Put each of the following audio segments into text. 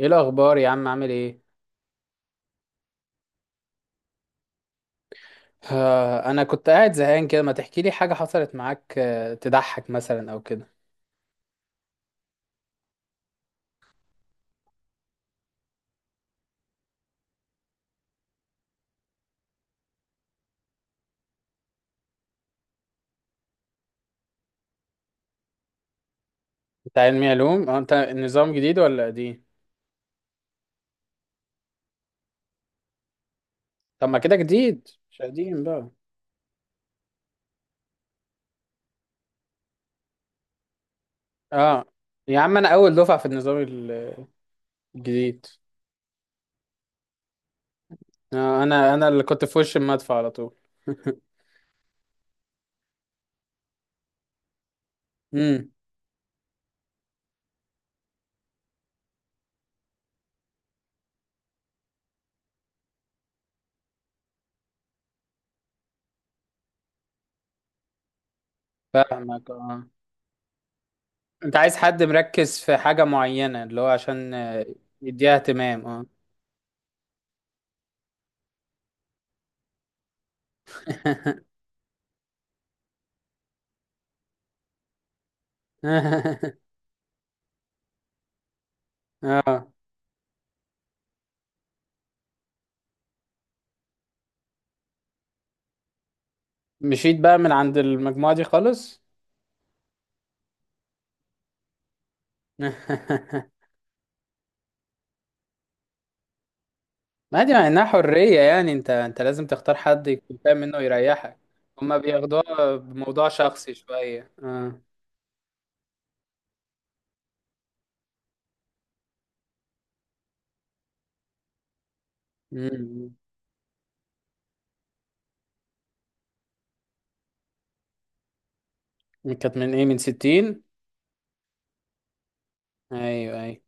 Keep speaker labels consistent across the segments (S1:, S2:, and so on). S1: ايه الاخبار يا عم عامل ايه؟ انا كنت قاعد زهقان كده، ما تحكي لي حاجه حصلت معاك، تضحك مثلا او كده؟ انت علمي علوم؟ اه، انت النظام جديد ولا قديم؟ طب ما كده جديد مش قديم بقى. اه يا عم، انا اول دفعه في النظام الجديد. انا اللي كنت في وش المدفع على طول. امم. فاهمك اه. انت عايز حد مركز في حاجه معينه، اللي هو عشان يديها اهتمام اه. اه مشيت بقى من عند المجموعه دي خالص. ما دي مع انها حرية، يعني انت لازم تختار حد يكون فاهم منه يريحك. هما بياخدوها بموضوع شخصي شوية اه. امم. كانت من ايه، من ستين؟ ايوه ايوه.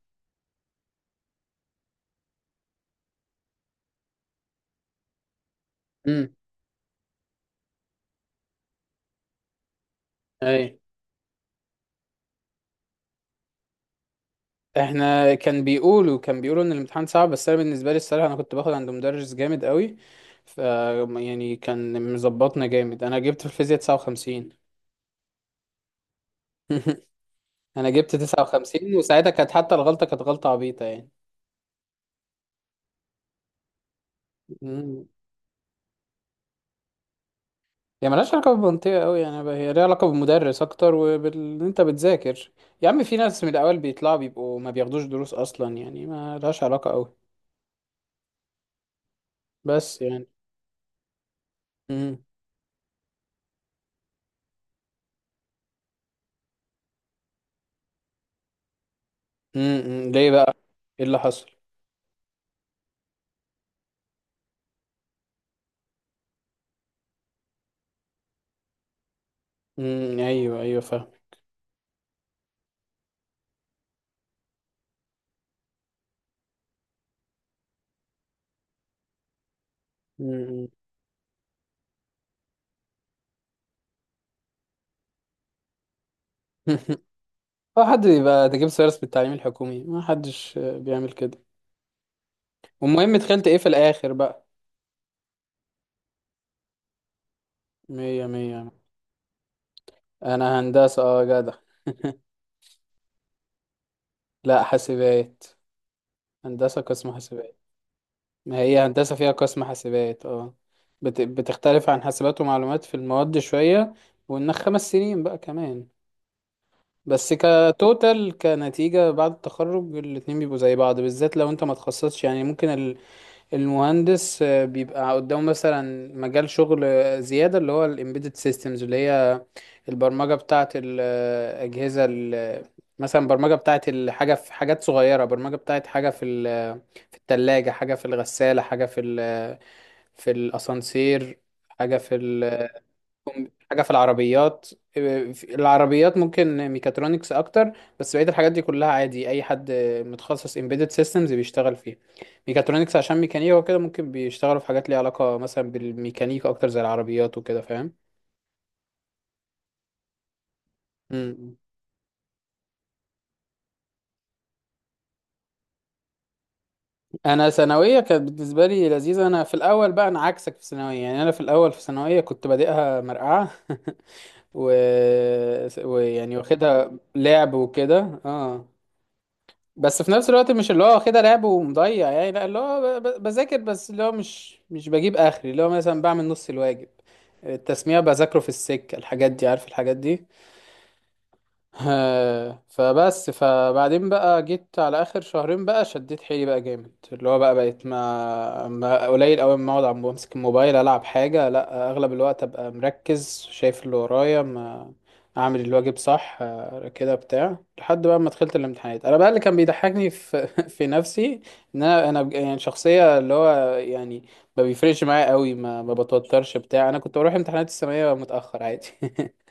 S1: امم. ايوه، احنا كان بيقولوا، كان بيقولوا ان الامتحان صعب، بس انا بالنسبة لي الصراحة انا كنت باخد عند مدرس جامد قوي، ف يعني كان مظبطنا جامد. انا جبت في الفيزياء 59. انا جبت 59، وساعتها كانت حتى الغلطة كانت غلطة عبيطة. يعني هي ملهاش علاقة بالمنطقة أوي يعني بقى، هي ليها علاقة بالمدرس أكتر وبال إن أنت بتذاكر. يا عم، في ناس من الأول بيطلعوا بيبقوا ما بياخدوش دروس أصلا، يعني ما لهاش علاقة أوي. بس يعني. مم. مم. مم. ليه بقى؟ إيه اللي حصل؟ مم. أيوه أيوه فاهم. مم. مم. هو حد بيبقى ده جيب سيرس بالتعليم الحكومي؟ ما حدش بيعمل كده. والمهم دخلت إيه في الآخر بقى؟ مية مية. أنا هندسة أه جدع. لا حاسبات. هندسة قسم حاسبات. ما هي هندسة فيها قسم حاسبات اه. بتختلف عن حاسبات ومعلومات في المواد شوية، وإنك خمس سنين بقى كمان. بس كتوتال كنتيجة بعد التخرج الاتنين بيبقوا زي بعض، بالذات لو انت ما تخصصش. يعني ممكن المهندس بيبقى قدامه مثلا مجال شغل زيادة، اللي هو ال embedded systems اللي هي البرمجة بتاعة الأجهزة مثلا برمجة بتاعة الحاجة في حاجات صغيرة، برمجة بتاعة حاجة في في التلاجة، حاجة في الغسالة، حاجة في ال في الاسانسير، حاجه في ال... حاجه في العربيات. في العربيات ممكن ميكاترونكس اكتر، بس بقيه الحاجات دي كلها عادي اي حد متخصص embedded systems بيشتغل فيها. ميكاترونكس عشان ميكانيكا وكده، ممكن بيشتغلوا في حاجات ليها علاقه مثلا بالميكانيكا اكتر زي العربيات وكده، فاهم. مم. انا ثانويه كانت بالنسبه لي لذيذه. انا في الاول بقى انا عكسك في ثانويه، يعني انا في الاول في ثانويه كنت بادئها مرقعه. و... ويعني واخدها لعب وكده اه، بس في نفس الوقت مش اللي هو واخدها لعب ومضيع يعني، لا اللي هو بذاكر، بس اللي هو مش بجيب اخري، اللي هو مثلا بعمل نص الواجب، التسميع بذاكره في السكة، الحاجات دي، عارف الحاجات دي. فبس فبعدين بقى جيت على اخر شهرين بقى شديت حيلي بقى جامد، اللي هو بقى بقيت ما قليل قوي ما اقعد عم بمسك الموبايل العب حاجه، لا اغلب الوقت ابقى مركز شايف اللي ورايا، ما اعمل الواجب صح، كده بتاع، لحد بقى ما دخلت الامتحانات. انا بقى اللي كان بيضحكني في في نفسي، ان انا يعني شخصيه اللي هو يعني ما بيفرقش معايا قوي، ما بتوترش بتاع. انا كنت بروح امتحانات الثانويه متاخر عادي.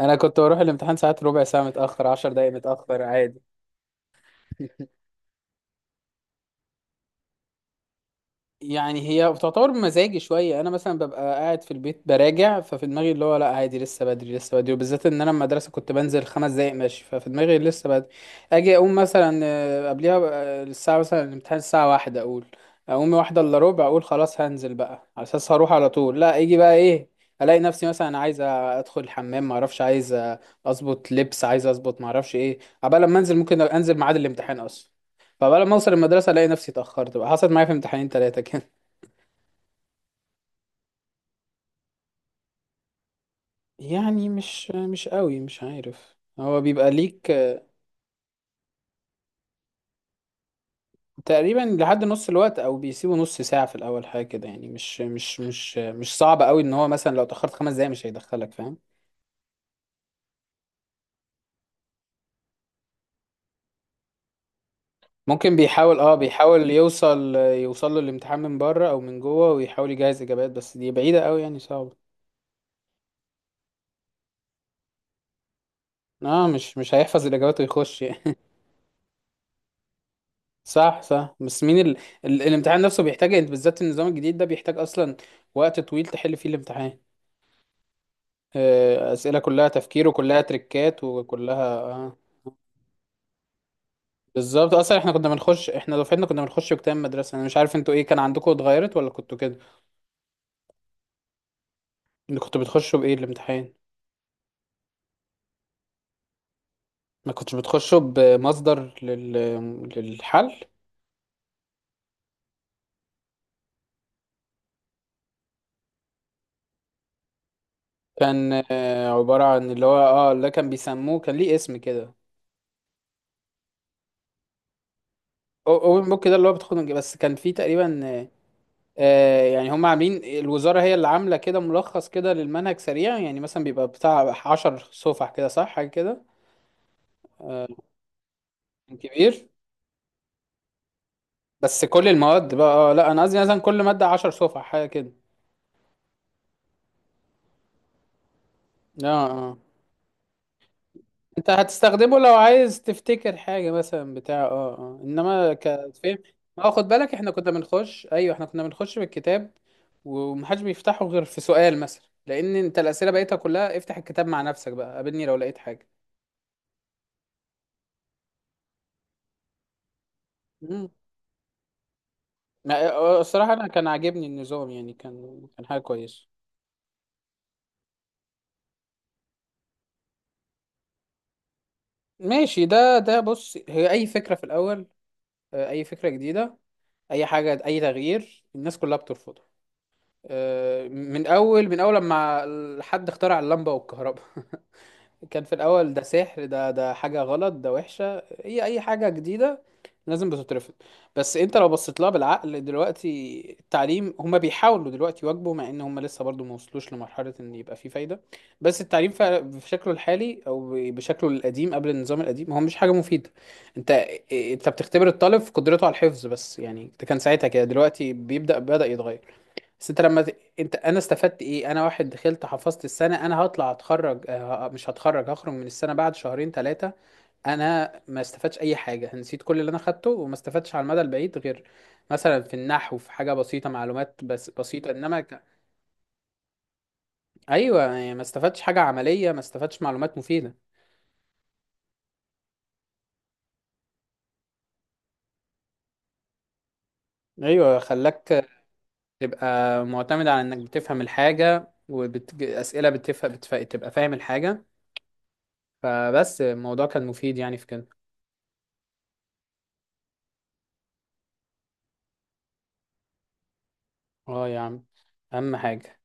S1: انا كنت بروح الامتحان ساعات ربع ساعه متاخر، عشر دقايق متاخر عادي. يعني هي بتعتبر بمزاجي شويه. انا مثلا ببقى قاعد في البيت براجع، ففي دماغي اللي هو لا عادي لسه بدري لسه بدري، وبالذات ان انا المدرسه كنت بنزل خمس دقايق ماشي، ففي دماغي لسه بدري. اجي اقوم مثلا قبليها بقى الساعه، مثلا الامتحان الساعه واحدة، اقول اقوم واحدة الا ربع، اقول خلاص هنزل بقى على اساس هروح على طول، لا يجي بقى ايه الاقي نفسي مثلا عايز ادخل الحمام، ما اعرفش عايز اظبط لبس، عايز اظبط ما اعرفش ايه، عبال لما انزل ممكن انزل ميعاد الامتحان اصلا. فبقى لما اوصل المدرسه الاقي نفسي اتاخرت بقى. حصلت معايا في امتحانين ثلاثه كده. يعني مش قوي، مش عارف، هو بيبقى ليك تقريبا لحد نص الوقت، او بيسيبوا نص ساعة في الاول حاجة كده، يعني مش صعب قوي ان هو مثلا لو اتأخرت خمس دقايق مش هيدخلك، فاهم. ممكن بيحاول اه، بيحاول يوصل له الامتحان من بره او من جوه، ويحاول يجهز اجابات، بس دي بعيدة قوي يعني، صعبة. اه مش هيحفظ الاجابات ويخش يعني. صح صح. بس مين ال... ال... الامتحان نفسه بيحتاج، انت بالذات النظام الجديد ده بيحتاج اصلا وقت طويل تحل فيه الامتحان. أسئلة كلها تفكير وكلها تريكات وكلها آه. بالظبط، اصلا احنا كنا بنخش، احنا دفعتنا كنا بنخش بكام مدرسة. انا مش عارف انتوا ايه كان عندكم، اتغيرت ولا كنتوا كده؟ انتوا كنتوا بتخشوا بايه الامتحان؟ ما كنتش بتخشوا بمصدر للحل؟ كان عبارة عن اللي هو اه اللي كان بيسموه، كان ليه اسم كده. اوبن بوك، ده اللي هو بس كان فيه تقريبا يعني هم عاملين، الوزارة هي اللي عاملة كده ملخص كده للمنهج سريع، يعني مثلا بيبقى بتاع عشر صفح كده صح حاجة كده. كبير. بس كل المواد بقى لا انا قصدي مثلا كل ماده 10 صفحه حاجه كده. اه اه. انت هتستخدمه لو عايز تفتكر حاجه مثلا بتاع اه اه، انما كفهم. اه خد بالك احنا كنا بنخش، ايوه احنا كنا بنخش بالكتاب، ومحدش بيفتحه غير في سؤال مثلا، لان انت الاسئله بقيتها كلها افتح الكتاب مع نفسك بقى قابلني لو لقيت حاجه. مم. الصراحه انا كان عاجبني النظام يعني، كان كان حاجه كويسه. ماشي، ده بص هي اي فكره في الاول، اي فكره جديده، اي حاجه اي تغيير الناس كلها بترفضه. من اول لما حد اخترع اللمبه والكهرباء، كان في الاول ده سحر، ده حاجه غلط، ده وحشه. هي اي حاجه جديده لازم بتترفض. بس انت لو بصيت لها بالعقل دلوقتي، التعليم هما بيحاولوا دلوقتي يواكبوا، مع ان هما لسه برضو ما وصلوش لمرحله ان يبقى فيه فايده. بس التعليم بشكله الحالي او بشكله القديم قبل النظام القديم هو مش حاجه مفيده. انت انت بتختبر الطالب في قدرته على الحفظ بس يعني، ده كان ساعتها كده، دلوقتي بدأ يتغير. بس انت انت انا استفدت ايه؟ انا واحد دخلت حفظت السنه، انا هطلع اتخرج اه، مش هتخرج هخرج من السنه بعد شهرين ثلاثه، انا ما استفدتش اي حاجه، نسيت كل اللي انا خدته، وما استفدتش على المدى البعيد غير مثلا في النحو في حاجه بسيطه، معلومات بس بسيطه، ايوه يعني ما استفدتش حاجه عمليه، ما استفدتش معلومات مفيده. ايوه، خلاك تبقى معتمد على انك بتفهم الحاجه، واسئله بتفهم تبقى فاهم الحاجه. فبس الموضوع كان مفيد يعني في كده. اه يا عم، اهم حاجه.